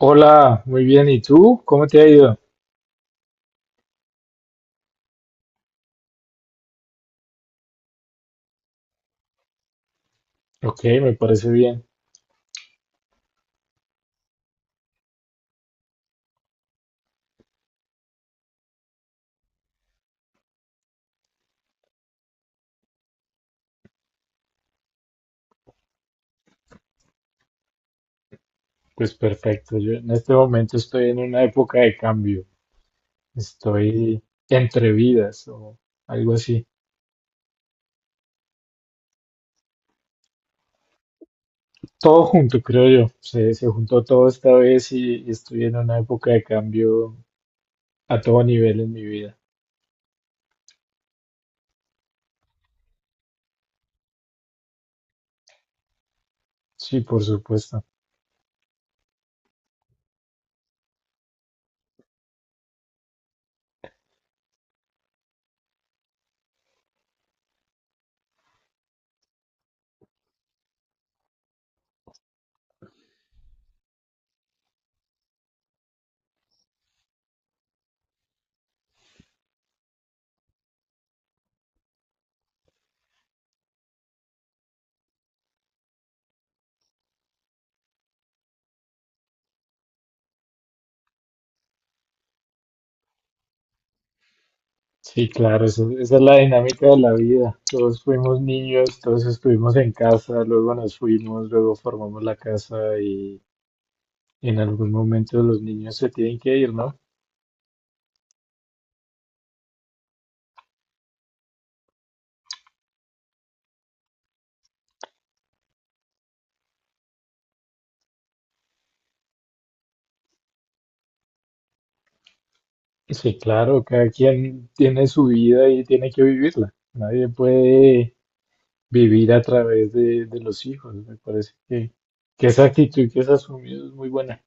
Hola, muy bien. ¿Y tú? ¿Cómo te ha ido? Ok, me parece bien. Pues perfecto. Yo en este momento estoy en una época de cambio. Estoy entre vidas o algo así. Todo junto, creo yo. Se juntó todo esta vez y estoy en una época de cambio a todo nivel en mi vida. Sí, por supuesto. Sí, claro, esa es la dinámica de la vida. Todos fuimos niños, todos estuvimos en casa, luego nos fuimos, luego formamos la casa y en algún momento los niños se tienen que ir, ¿no? Sí, claro, cada quien tiene su vida y tiene que vivirla. Nadie puede vivir a través de los hijos. Me parece que esa actitud que has asumido es muy buena.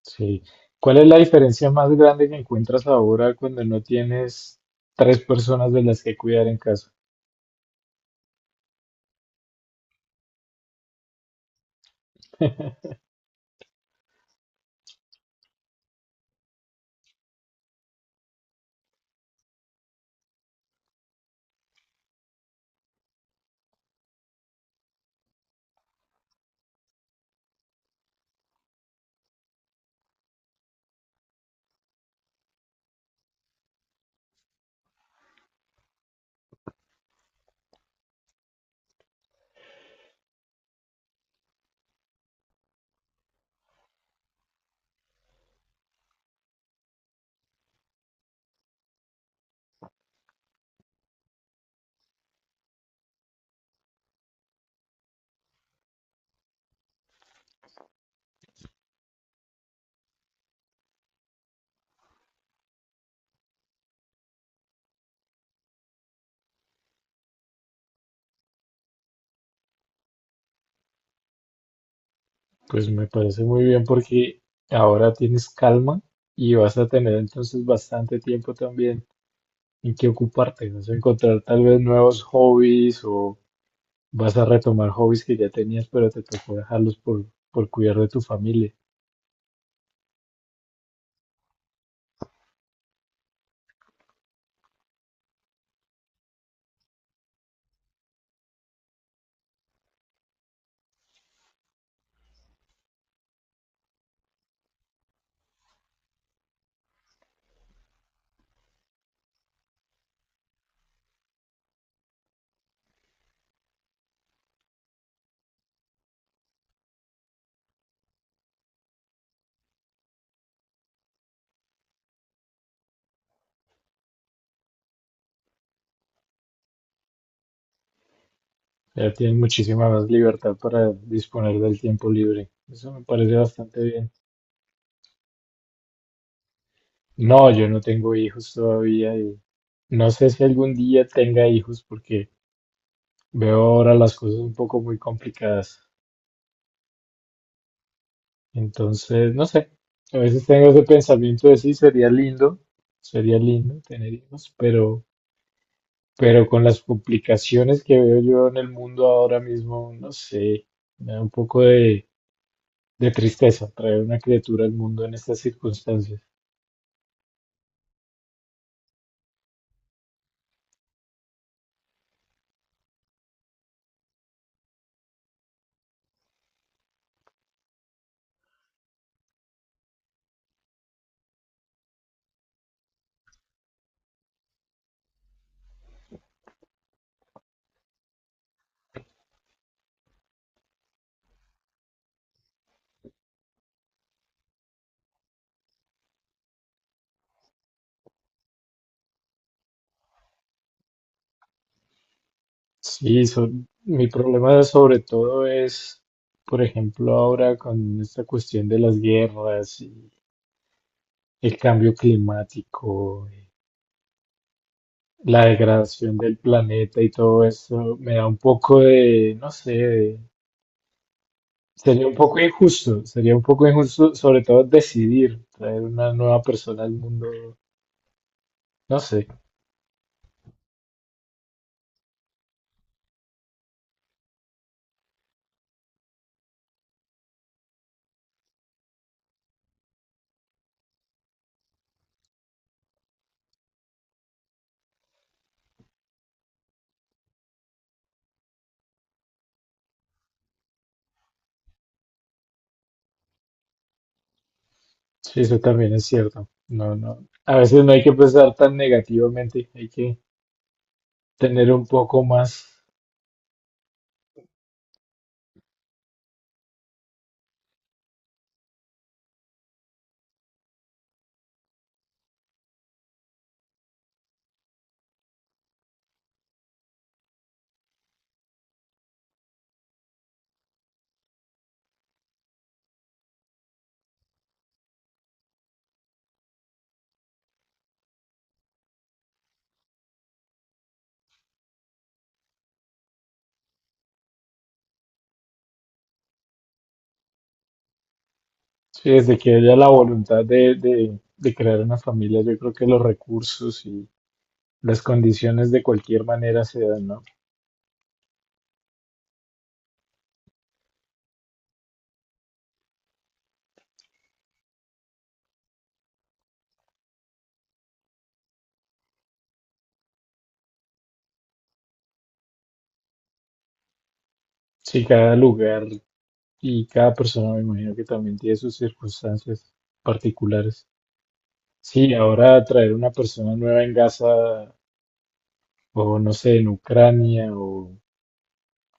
Sí. ¿Cuál es la diferencia más grande que encuentras ahora cuando no tienes tres personas de las que cuidar en casa? Pues me parece muy bien porque ahora tienes calma y vas a tener entonces bastante tiempo también en qué ocuparte. Vas a encontrar tal vez nuevos hobbies o vas a retomar hobbies que ya tenías, pero te tocó dejarlos por cuidar de tu familia. Ya tienes muchísima más libertad para disponer del tiempo libre. Eso me parece bastante bien. No, yo no tengo hijos todavía y no sé si algún día tenga hijos porque veo ahora las cosas un poco muy complicadas. Entonces, no sé. A veces tengo ese pensamiento de sí, sería lindo tener hijos, pero con las complicaciones que veo yo en el mundo ahora mismo, no sé, me da un poco de tristeza traer una criatura al mundo en estas circunstancias. Sí, mi problema sobre todo es, por ejemplo, ahora con esta cuestión de las guerras y el cambio climático, la degradación del planeta y todo eso, me da un poco de, no sé, sería un poco injusto, sería un poco injusto, sobre todo decidir traer una nueva persona al mundo. No sé, sí, eso también es cierto. No, no. A veces no hay que pensar tan negativamente, hay que tener un poco más, sí, desde que haya la voluntad de crear una familia, yo creo que los recursos y las condiciones de cualquier manera se dan, ¿no? Sí, cada lugar y cada persona me imagino que también tiene sus circunstancias particulares. Sí, ahora traer una persona nueva en Gaza o no sé, en Ucrania o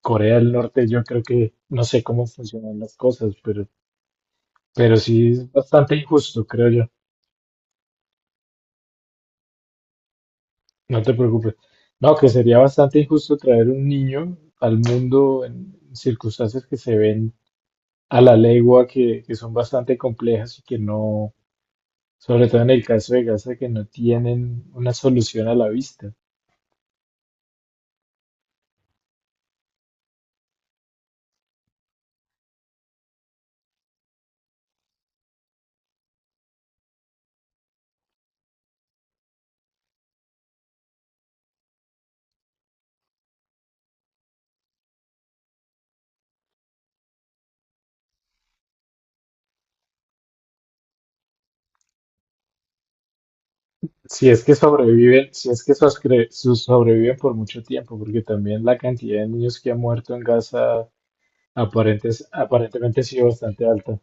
Corea del Norte, yo creo que no sé cómo funcionan las cosas, pero sí es bastante injusto, creo yo. No te preocupes. No, que sería bastante injusto traer un niño al mundo en circunstancias que se ven a la legua, que son bastante complejas y que no, sobre todo en el caso de Gaza, que no tienen una solución a la vista. Si es que sobreviven, si es que sobreviven por mucho tiempo, porque también la cantidad de niños que ha muerto en Gaza aparentes, aparentemente ha sido bastante alta.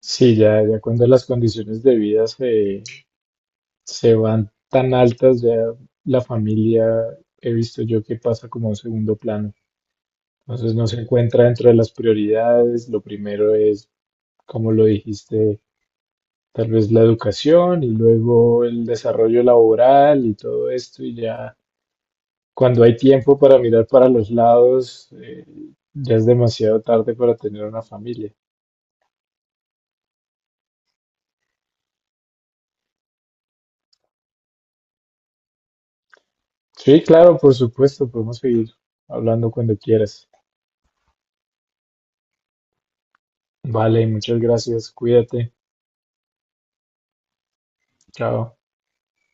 Sí, ya, ya cuando las condiciones de vida se van tan altas, ya la familia he visto yo que pasa como a un segundo plano. Entonces no se encuentra dentro de las prioridades. Lo primero es, como lo dijiste, tal vez la educación y luego el desarrollo laboral y todo esto y ya cuando hay tiempo para mirar para los lados, ya es demasiado tarde para tener una familia. Sí, claro, por supuesto, podemos seguir hablando cuando quieras. Vale, muchas gracias, cuídate, chao.